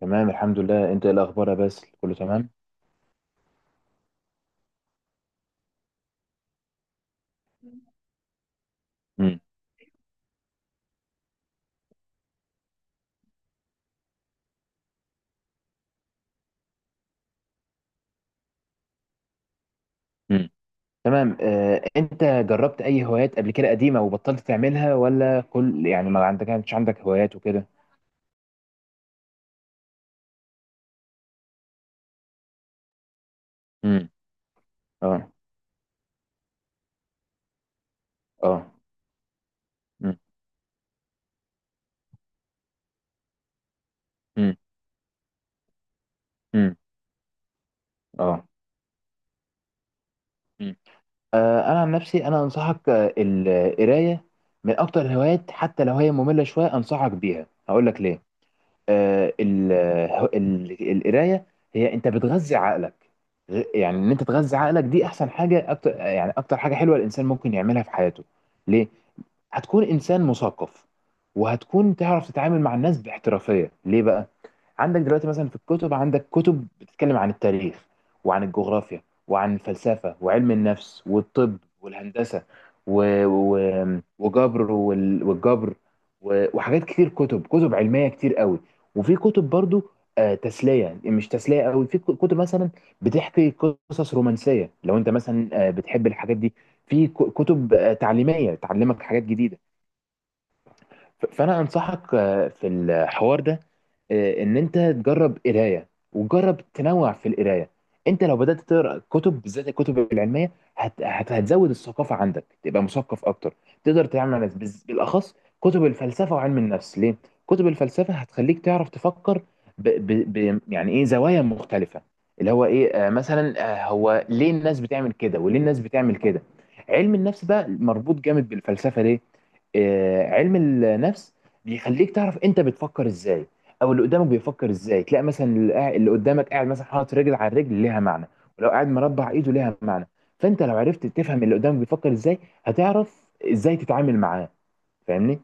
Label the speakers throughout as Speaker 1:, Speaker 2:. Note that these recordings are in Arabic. Speaker 1: تمام الحمد لله، انت ايه الاخبار يا باسل؟ كله تمام. مم. مم. تمام، انت جربت اي هوايات قبل كده قديمه وبطلت تعملها، ولا كل يعني ما عندك كانش عندك هوايات وكده؟ مم. اه اه مم. مم. مم. اه مم. انا عن نفسي انا انصحك القرايه من اكتر الهوايات، حتى لو هي ممله شويه انصحك بيها. هقول لك ليه. آه، ال- القرايه هي انت بتغذي عقلك. يعني ان انت تغذي عقلك دي احسن حاجه، اكتر يعني اكتر حاجه حلوه الانسان ممكن يعملها في حياته. ليه؟ هتكون انسان مثقف، وهتكون تعرف تتعامل مع الناس باحترافيه. ليه بقى؟ عندك دلوقتي مثلا في الكتب، عندك كتب بتتكلم عن التاريخ وعن الجغرافيا وعن الفلسفه وعلم النفس والطب والهندسه و... و... وجبر وال... والجبر و... وحاجات كتير، كتب علميه كتير قوي. وفي كتب برضو تسليه، يعني مش تسليه قوي. في كتب مثلا بتحكي قصص رومانسيه، لو انت مثلا بتحب الحاجات دي. في كتب تعليميه تعلمك حاجات جديده. ف- فانا انصحك في الحوار ده ان انت تجرب قرايه، وجرب تنوع في القرايه. انت لو بدات تقرا كتب بالذات الكتب العلميه، هتزود الثقافه عندك، تبقى مثقف اكتر، تقدر تتعامل مع ناس بالاخص كتب الفلسفه وعلم النفس. ليه؟ كتب الفلسفه هتخليك تعرف تفكر يعني ايه زوايا مختلفه، اللي هو ايه مثلا هو ليه الناس بتعمل كده وليه الناس بتعمل كده. علم النفس بقى مربوط جامد بالفلسفه. ليه؟ علم النفس بيخليك تعرف انت بتفكر ازاي، او اللي قدامك بيفكر ازاي. تلاقي مثلا اللي قدامك قاعد مثلا حاطط رجل على الرجل، ليها معنى. ولو قاعد مربع ايده، ليها معنى. فانت لو عرفت تفهم اللي قدامك بيفكر ازاي، هتعرف ازاي تتعامل معاه. فاهمني؟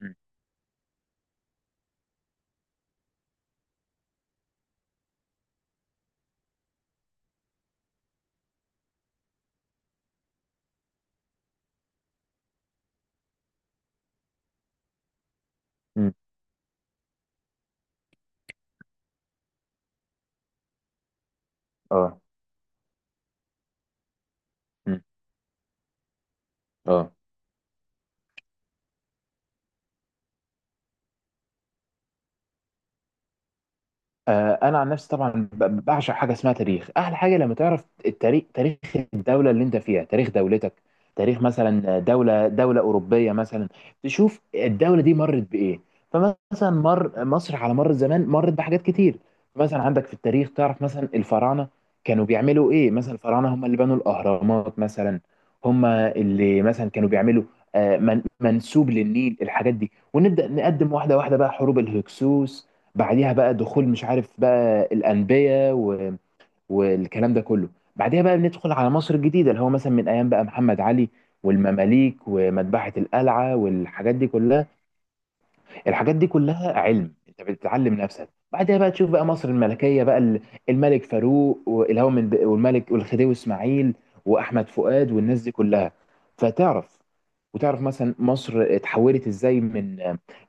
Speaker 1: مم. مم. اه مم. اه انا عن نفسي طبعا بعشق حاجه اسمها تاريخ. احلى حاجه لما تعرف التاريخ، تاريخ الدوله اللي انت فيها، تاريخ دولتك، تاريخ مثلا دوله اوروبيه مثلا، تشوف الدوله دي مرت بايه. فمثلا مر مصر على مر الزمان مرت بحاجات كتير. مثلا عندك في التاريخ تعرف مثلا الفراعنه كانوا بيعملوا ايه، مثلا الفراعنه هم اللي بنوا الاهرامات مثلا، هم اللي مثلا كانوا بيعملوا منسوب للنيل، الحاجات دي. ونبدا نقدم واحده واحده بقى، حروب الهكسوس، بعديها بقى دخول مش عارف بقى الأنبياء والكلام ده كله. بعديها بقى بندخل على مصر الجديدة، اللي هو مثلا من أيام بقى محمد علي والمماليك ومذبحة القلعة والحاجات دي كلها. الحاجات دي كلها علم، أنت بتتعلم نفسك. بعدها بقى تشوف بقى مصر الملكية بقى، الملك فاروق والهو من، والملك والخديوي إسماعيل وأحمد فؤاد والناس دي كلها. فتعرف، وتعرف مثلا مصر اتحولت ازاي من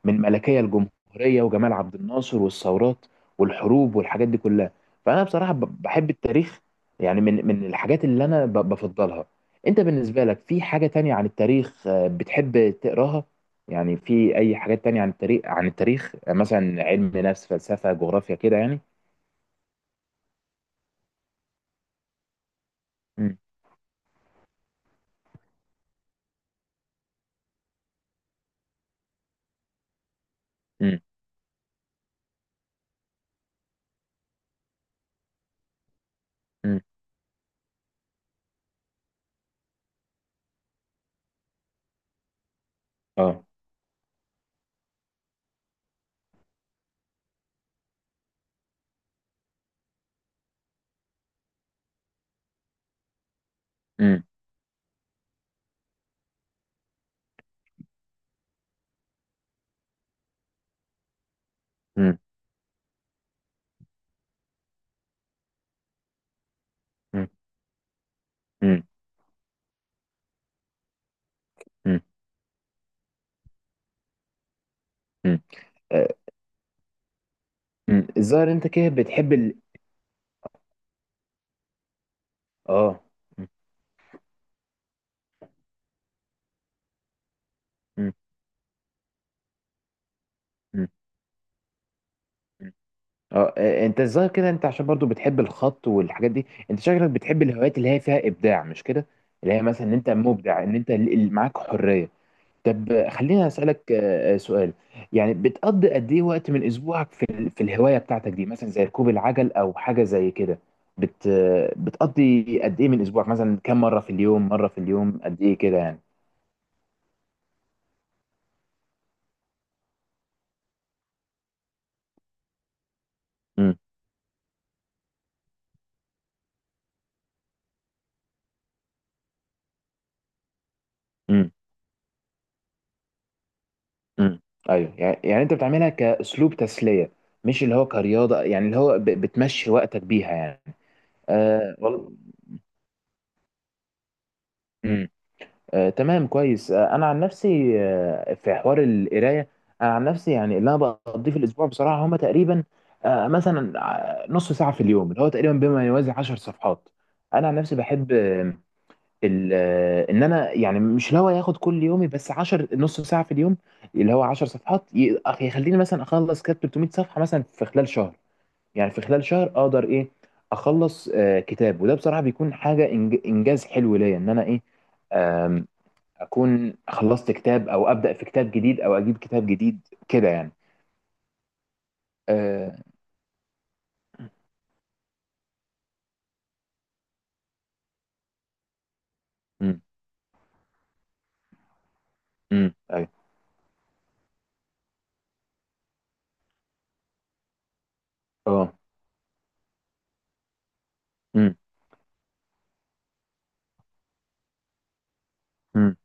Speaker 1: من ملكيه لجمهوريه، وجمال عبد الناصر والثورات والحروب والحاجات دي كلها. فانا بصراحه بحب التاريخ، يعني من الحاجات اللي انا بفضلها. انت بالنسبه لك في حاجه تانية عن التاريخ بتحب تقراها؟ يعني في اي حاجات تانية عن التاريخ، مثلا علم نفس، فلسفه، جغرافيا كده يعني؟ امم امم امم اه امم امم امم امم مم. الظاهر انت كده بتحب ال... اه مم. مم. مم. مم. اه انت الظاهر كده انت عشان برضو بتحب الخط والحاجات دي، انت شكلك بتحب الهوايات اللي هي فيها ابداع، مش كده؟ اللي هي مثلا ان انت مبدع، ان انت معاك حرية. طب خليني اسالك سؤال. يعني بتقضي قد ايه وقت من اسبوعك في في الهواية بتاعتك دي، مثلا زي ركوب العجل او حاجة زي كده؟ بت... آه، بتقضي قد ايه من اسبوعك؟ مثلا كم مرة في اليوم؟ مرة في اليوم؟ قد ايه كده يعني؟ مم. امم ايوه، يعني يعني انت بتعملها كاسلوب تسليه، مش اللي هو كرياضه، يعني اللي هو بتمشي وقتك بيها يعني. آه والله. امم آه تمام كويس. آه انا عن نفسي آه في حوار القرايه، انا عن نفسي يعني اللي انا بقضيه في الاسبوع بصراحه هما تقريبا آه مثلا، نص ساعه في اليوم، اللي هو تقريبا بما يوازي 10 صفحات. انا عن نفسي بحب ال- ان انا يعني مش لو هياخد كل يومي، بس 10 نص ساعه في اليوم، اللي هو 10 صفحات، يخليني مثلا اخلص كتاب 300 صفحه مثلا في خلال شهر. يعني في خلال شهر اقدر ايه اخلص كتاب، وده بصراحه بيكون حاجه انجاز حلو ليا، ان انا ايه آم، اكون خلصت كتاب، او ابدا في كتاب جديد، او اجيب كتاب جديد كده يعني. امم ايوه. اه مم، مم.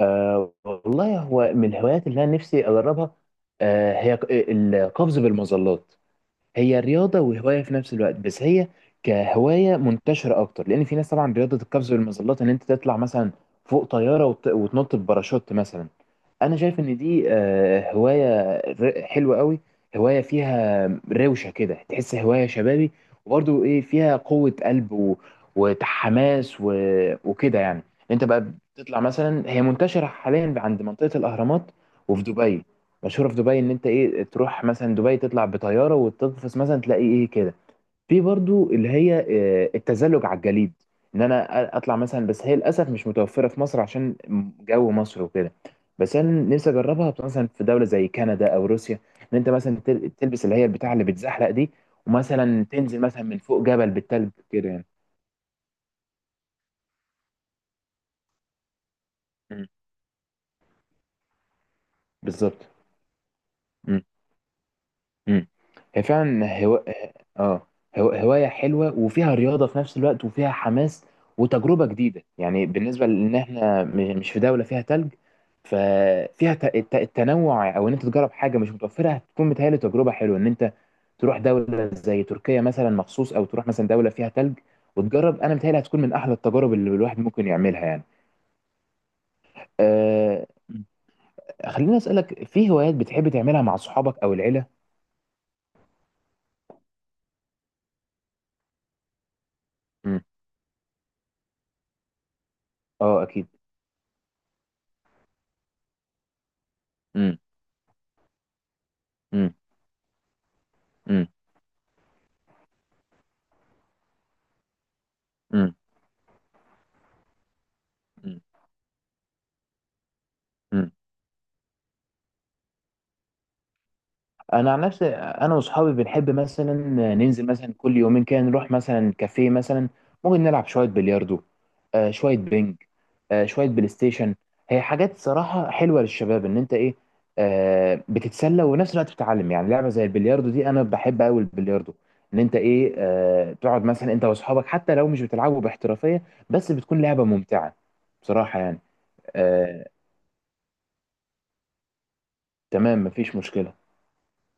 Speaker 1: أه والله، هو من الهوايات اللي انا نفسي اجربها أه، هي القفز بالمظلات. هي رياضة وهواية في نفس الوقت، بس هي كهواية منتشرة أكتر، لأن في ناس طبعا رياضة القفز بالمظلات، إن أنت تطلع مثلا فوق طيارة وتنط بباراشوت مثلا. أنا شايف إن دي هواية حلوة قوي، هواية فيها روشة كده، تحس هواية شبابي، وبرضو إيه، فيها قوة قلب وحماس وكده يعني. أنت بقى بتطلع مثلا، هي منتشرة حاليا عند منطقة الأهرامات وفي دبي، مشهوره في دبي، ان انت ايه تروح مثلا دبي، تطلع بطياره وتقفز مثلا، تلاقي ايه كده. في برضو اللي هي التزلج على الجليد، ان انا اطلع مثلا، بس هي للاسف مش متوفره في مصر عشان جو مصر وكده، بس انا نفسي اجربها مثلا في دوله زي كندا او روسيا، ان انت مثلا تلبس اللي هي البتاع اللي بتزحلق دي، ومثلا تنزل مثلا من فوق جبل بالتلج كده يعني. مم. بالظبط. امم هي فعلا اه هواية حلوة وفيها رياضة في نفس الوقت وفيها حماس وتجربة جديدة، يعني بالنسبة لان احنا مش في دولة فيها تلج، ففيها التنوع، او ان انت تجرب حاجة مش متوفرة. هتكون متهيألي تجربة حلوة، ان انت تروح دولة زي تركيا مثلا مخصوص، او تروح مثلا دولة فيها تلج وتجرب. انا متهيألي هتكون من احلى التجارب اللي الواحد ممكن يعملها يعني. أه... خليني اسألك، في هوايات بتحب تعملها مع صحابك او العيلة؟ امم اه اكيد. امم مم. مم. مم. مم. انا عن نفسي انا واصحابي بنحب مثلا ننزل مثلا كل يومين كده، نروح مثلا كافيه مثلا، ممكن نلعب شويه بلياردو، آه شويه بينج، آه شويه بلاي ستيشن. هي حاجات صراحه حلوه للشباب، ان انت ايه آه بتتسلى ونفس الوقت بتتعلم. يعني لعبه زي البلياردو دي، انا بحب قوي البلياردو، ان انت ايه آه تقعد مثلا انت واصحابك، حتى لو مش بتلعبوا باحترافيه، بس بتكون لعبه ممتعه بصراحه يعني. آه تمام، مفيش مشكله.